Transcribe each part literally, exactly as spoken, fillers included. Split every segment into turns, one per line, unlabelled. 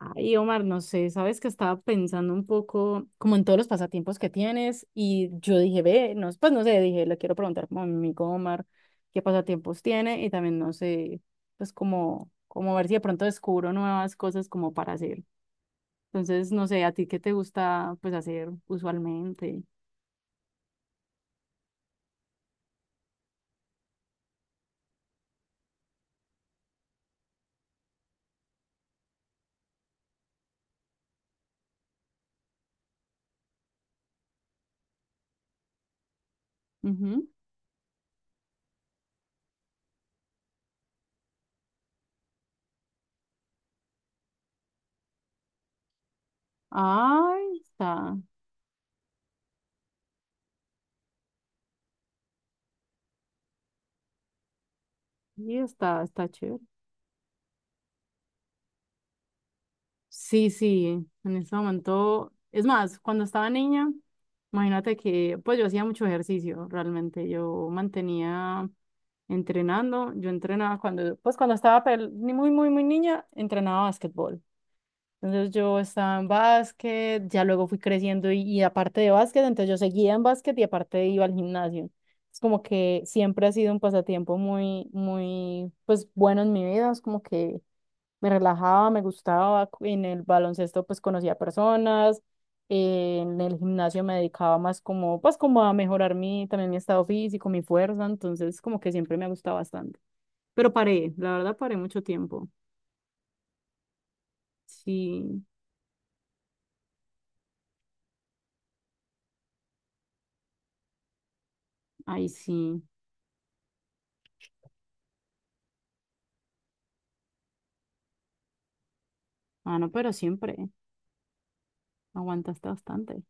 Ay, Omar, no sé, sabes que estaba pensando un poco como en todos los pasatiempos que tienes y yo dije, ve, no, pues no sé, dije, le quiero preguntar como a mi amigo Omar qué pasatiempos tiene y también no sé, pues como, como ver si de pronto descubro nuevas cosas como para hacer. Entonces, no sé, a ti qué te gusta pues hacer usualmente. Ujú. Ay, está, y está, está chévere. Sí, sí, en ese momento, es más, cuando estaba niña, imagínate que pues yo hacía mucho ejercicio, realmente, yo mantenía entrenando, yo entrenaba cuando, pues cuando estaba pel- ni muy, muy, muy niña, entrenaba básquetbol. Entonces yo estaba en básquet, ya luego fui creciendo y, y aparte de básquet, entonces yo seguía en básquet y aparte iba al gimnasio. Es como que siempre ha sido un pasatiempo muy, muy, pues bueno en mi vida, es como que me relajaba, me gustaba. cu- En el baloncesto pues conocía personas, eh, en el gimnasio me dedicaba más como pues como a mejorar mi también mi estado físico, mi fuerza, entonces como que siempre me ha gustado bastante. Pero paré, la verdad paré mucho tiempo. Sí, ahí sí. Ah, no, pero siempre aguantaste bastante.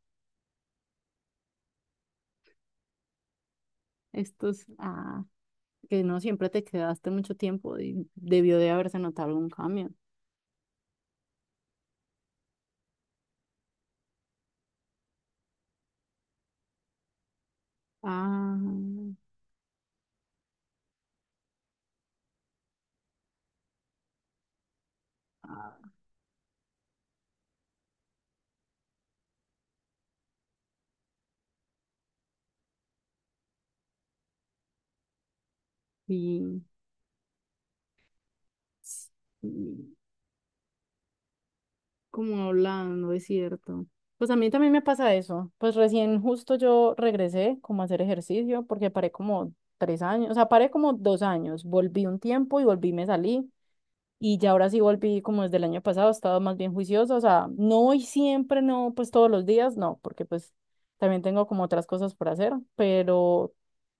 Estos, ah, que no siempre te quedaste mucho tiempo y debió de haberse notado algún cambio. Ah, ah, sí. Sí, como hablando, es cierto. Pues a mí también me pasa eso. Pues recién justo yo regresé como a hacer ejercicio porque paré como tres años, o sea, paré como dos años, volví un tiempo y volví, me salí y ya ahora sí volví como desde el año pasado, he estado más bien juicioso, o sea, no voy siempre, no, pues todos los días, no, porque pues también tengo como otras cosas por hacer, pero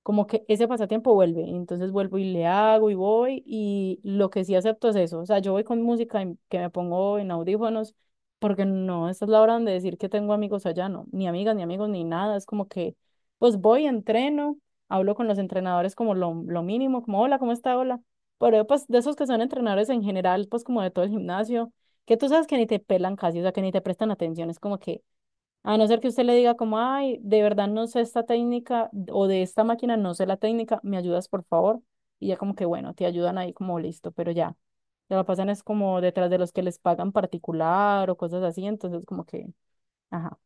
como que ese pasatiempo vuelve, y entonces vuelvo y le hago y voy y lo que sí acepto es eso, o sea, yo voy con música en- que me pongo en audífonos, porque no, esta es la hora donde decir que tengo amigos allá, no, ni amigas, ni amigos, ni nada, es como que pues voy, entreno, hablo con los entrenadores como lo, lo mínimo, como hola, ¿cómo está? Hola, pero pues de esos que son entrenadores en general, pues como de todo el gimnasio, que tú sabes que ni te pelan casi, o sea, que ni te prestan atención, es como que, a no ser que usted le diga como, ay, de verdad no sé esta técnica o de esta máquina no sé la técnica, me ayudas por favor, y ya como que bueno, te ayudan ahí como listo, pero ya, ya lo pasan es como detrás de los que les pagan particular o cosas así, entonces como que, ajá,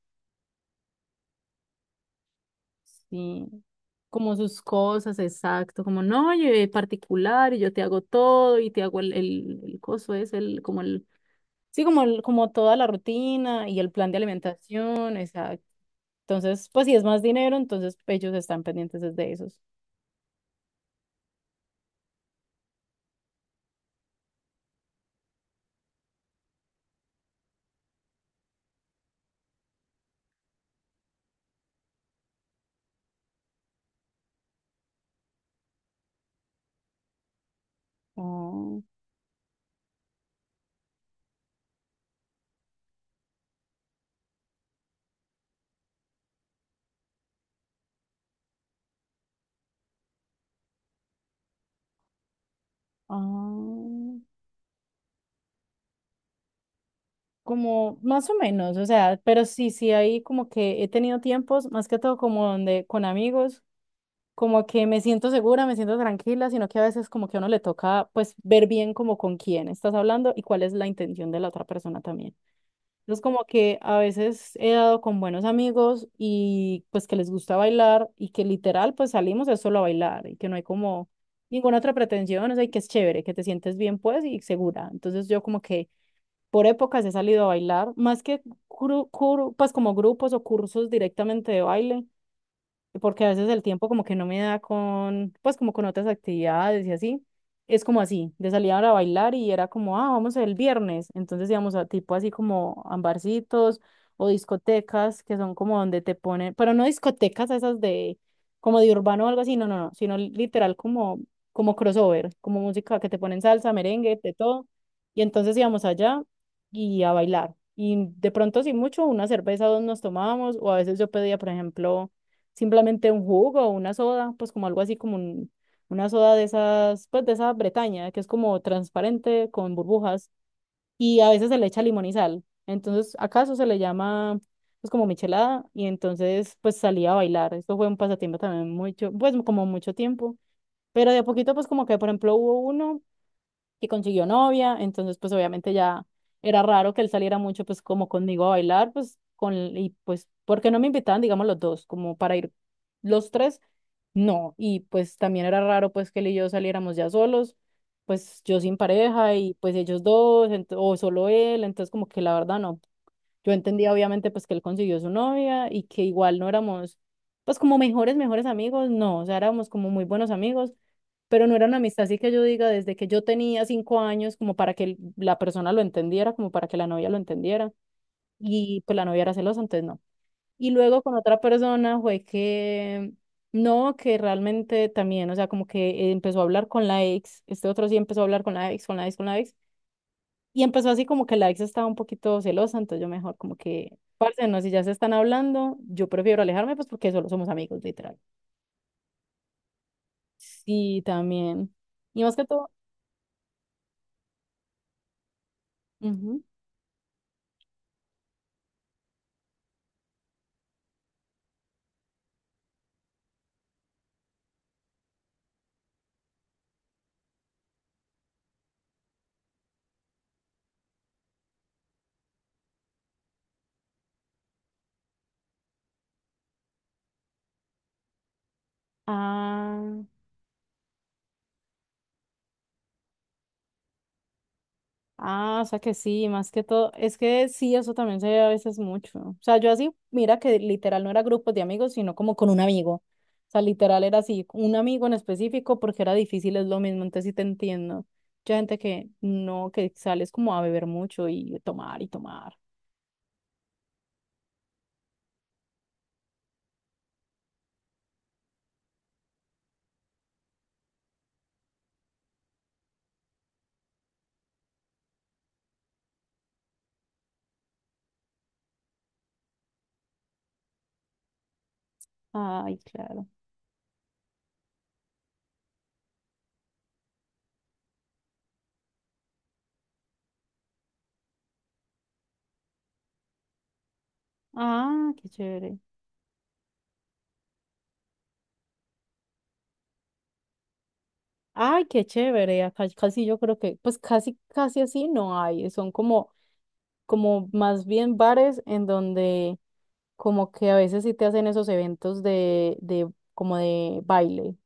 sí, como sus cosas, exacto, como no, yo eh, particular y yo te hago todo y te hago el, el, el coso es el, como el. Sí, como, el- como toda la rutina y el plan de alimentación, exacto. Entonces, pues si es más dinero, entonces ellos están pendientes desde esos. Oh, ah, como más o menos, o sea, pero sí, sí, ahí como que he tenido tiempos, más que todo como donde con amigos, como que me siento segura, me siento tranquila, sino que a veces como que a uno le toca pues ver bien como con quién estás hablando y cuál es la intención de la otra persona también. Entonces, como que a veces he dado con buenos amigos y pues que les gusta bailar y que literal pues salimos es solo a bailar y que no hay como ninguna otra pretensión, o sea, y que es chévere, que te sientes bien pues y segura. Entonces yo como que por épocas he salido a bailar, más que cru- cru- pues como grupos o cursos directamente de baile, porque a veces el tiempo como que no me da con, pues como con otras actividades y así. Es como así, de salir ahora a bailar y era como, ah, vamos el viernes. Entonces íbamos a tipo así como a barcitos o discotecas que son como donde te ponen, pero no discotecas esas de como de urbano o algo así, no, no, no, sino literal como como crossover, como música que te ponen salsa, merengue, de todo. Y entonces íbamos allá y a bailar. Y de pronto, sin mucho, una cerveza o dos nos tomábamos, o a veces yo pedía, por ejemplo, simplemente un jugo o una soda, pues como algo así como un- una soda de esas, pues de esa Bretaña, que es como transparente con burbujas y a veces se le echa limón y sal. Entonces, acaso se le llama pues como michelada y entonces pues salía a bailar. Esto fue un pasatiempo también mucho, pues como mucho tiempo, pero de a poquito pues como que por ejemplo hubo uno que consiguió novia, entonces pues obviamente ya era raro que él saliera mucho pues como conmigo a bailar, pues con y pues porque no me invitaban, digamos los dos, como para ir los tres no, y pues también era raro pues que él y yo saliéramos ya solos, pues yo sin pareja y pues ellos dos, ent- o solo él, entonces como que la verdad no. Yo entendía obviamente pues que él consiguió su novia y que igual no éramos pues como mejores, mejores amigos, no, o sea, éramos como muy buenos amigos, pero no era una amistad así que yo diga desde que yo tenía cinco años como para que el- la persona lo entendiera, como para que la novia lo entendiera y pues la novia era celosa, entonces no. Y luego con otra persona fue que no, que realmente también, o sea, como que empezó a hablar con la ex, este otro sí empezó a hablar con la ex, con la ex, con la ex, y empezó así como que la ex estaba un poquito celosa, entonces yo mejor como que, parce, no, si ya se están hablando, yo prefiero alejarme, pues porque solo somos amigos, literal. Sí, también. Y más que todo, ujú. Ah. Ah, o sea que sí, más que todo, es que sí, eso también se ve a veces mucho. O sea, yo así, mira que literal no era grupos de amigos, sino como con un amigo. O sea, literal era así, un amigo en específico, porque era difícil, es lo mismo, entonces sí te entiendo. Mucha gente que no, que sales como a beber mucho y tomar y tomar. Ay, claro. Ah, qué chévere. Ay, qué chévere. Acá casi yo creo que, pues casi, casi así no hay. Son como como más bien bares en donde como que a veces sí te hacen esos eventos de, de como de baile.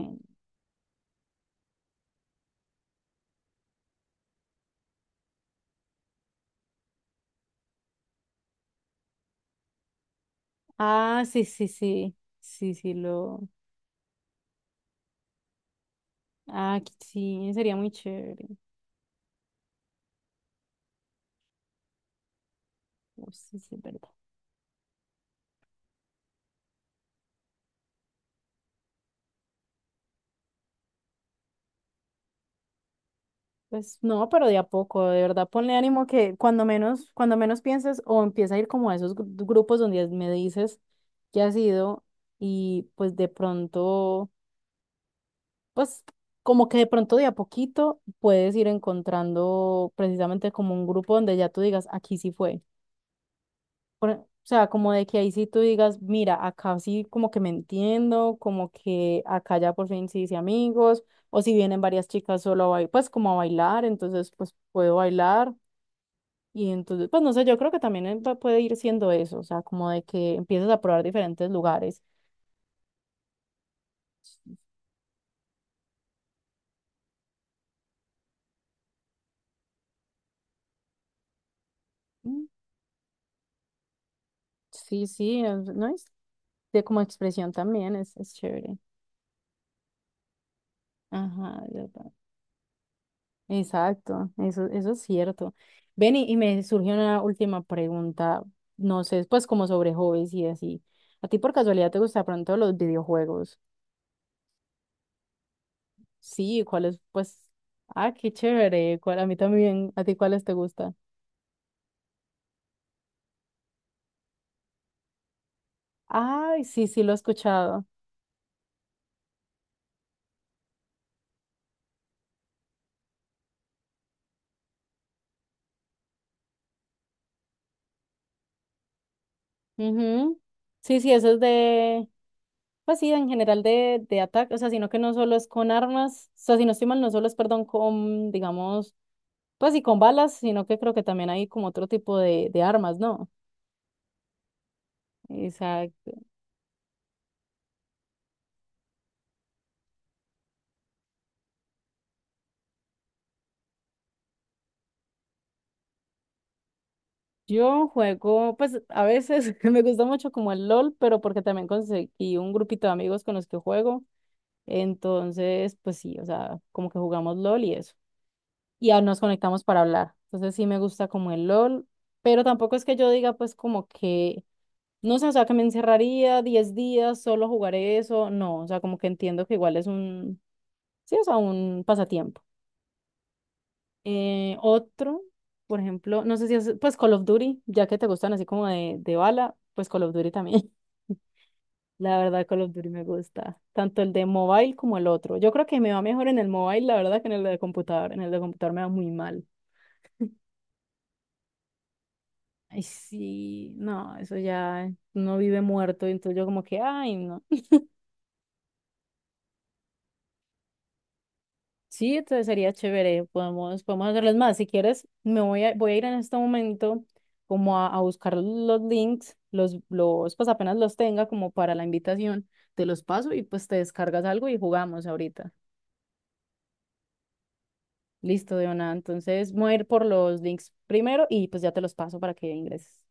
Mm. Ah, sí, sí, sí, sí, sí, lo... Ah, qu- sí, sería muy chévere. Oh, sí, sí, es verdad. Pues no, pero de a poco, de verdad, ponle ánimo que cuando menos, cuando menos pienses o empieza a ir como a esos gru- grupos donde me dices que has ido y pues de pronto... pues como que de pronto de a poquito puedes ir encontrando precisamente como un grupo donde ya tú digas, aquí sí fue. Por- e, o sea, como de que ahí sí tú digas, mira, acá sí como que me entiendo, como que acá ya por fin sí hice amigos, o si vienen varias chicas solo a bailar, pues como a bailar, entonces pues puedo bailar. Y entonces, pues no sé, yo creo que también eh, va- puede ir siendo eso, o sea, como de que empiezas a probar diferentes lugares. Mm, sí, sí, es- no es de como expresión también, es, es chévere. Ajá, ya ta- exacto, eso, eso es cierto. Ven y, y me surgió una última pregunta, no sé, pues como sobre hobbies y así. ¿A ti por casualidad te gusta pronto los videojuegos? Sí, ¿cuáles? Pues, ah, qué chévere, ¿cuál? A mí también, ¿a ti cuáles te gustan? Ay, sí, sí, lo he escuchado. Ujú. Sí, sí, eso es de, pues sí, en general de, de ataque, o sea, sino que no solo es con armas, o sea, si no estoy mal, no solo es, perdón, con, digamos pues y con balas, sino que creo que también hay como otro tipo de, de armas, ¿no? Exacto. Yo juego, pues a veces me gusta mucho como el L O L, pero porque también conseguí un grupito de amigos con los que juego. Entonces, pues sí, o sea, como que jugamos L O L y eso. Y ya nos conectamos para hablar. Entonces sí me gusta como el L O L, pero tampoco es que yo diga pues como que, no sé, o sea, que me encerraría diez días, solo jugaré eso. No, o sea, como que entiendo que igual es un, sí, o sea, un pasatiempo. Eh, otro, por ejemplo, no sé si es, pues Call of Duty, ya que te gustan así como de, de bala, pues Call of Duty también. La verdad, Call of Duty me gusta, tanto el de mobile como el otro. Yo creo que me va mejor en el mobile, la verdad, que en el de computador. En el de computador me va muy mal. Ay, sí, no, eso ya no vive muerto, entonces yo como que, ay, no. Sí, entonces sería chévere, podemos, podemos hacerlas más. Si quieres, me voy a, voy a ir en este momento como a, a buscar los links, los, los, pues apenas los tenga como para la invitación, te los paso y pues te descargas algo y jugamos ahorita. Listo, Diona. Entonces, voy a ir por los links primero y pues ya te los paso para que ingreses.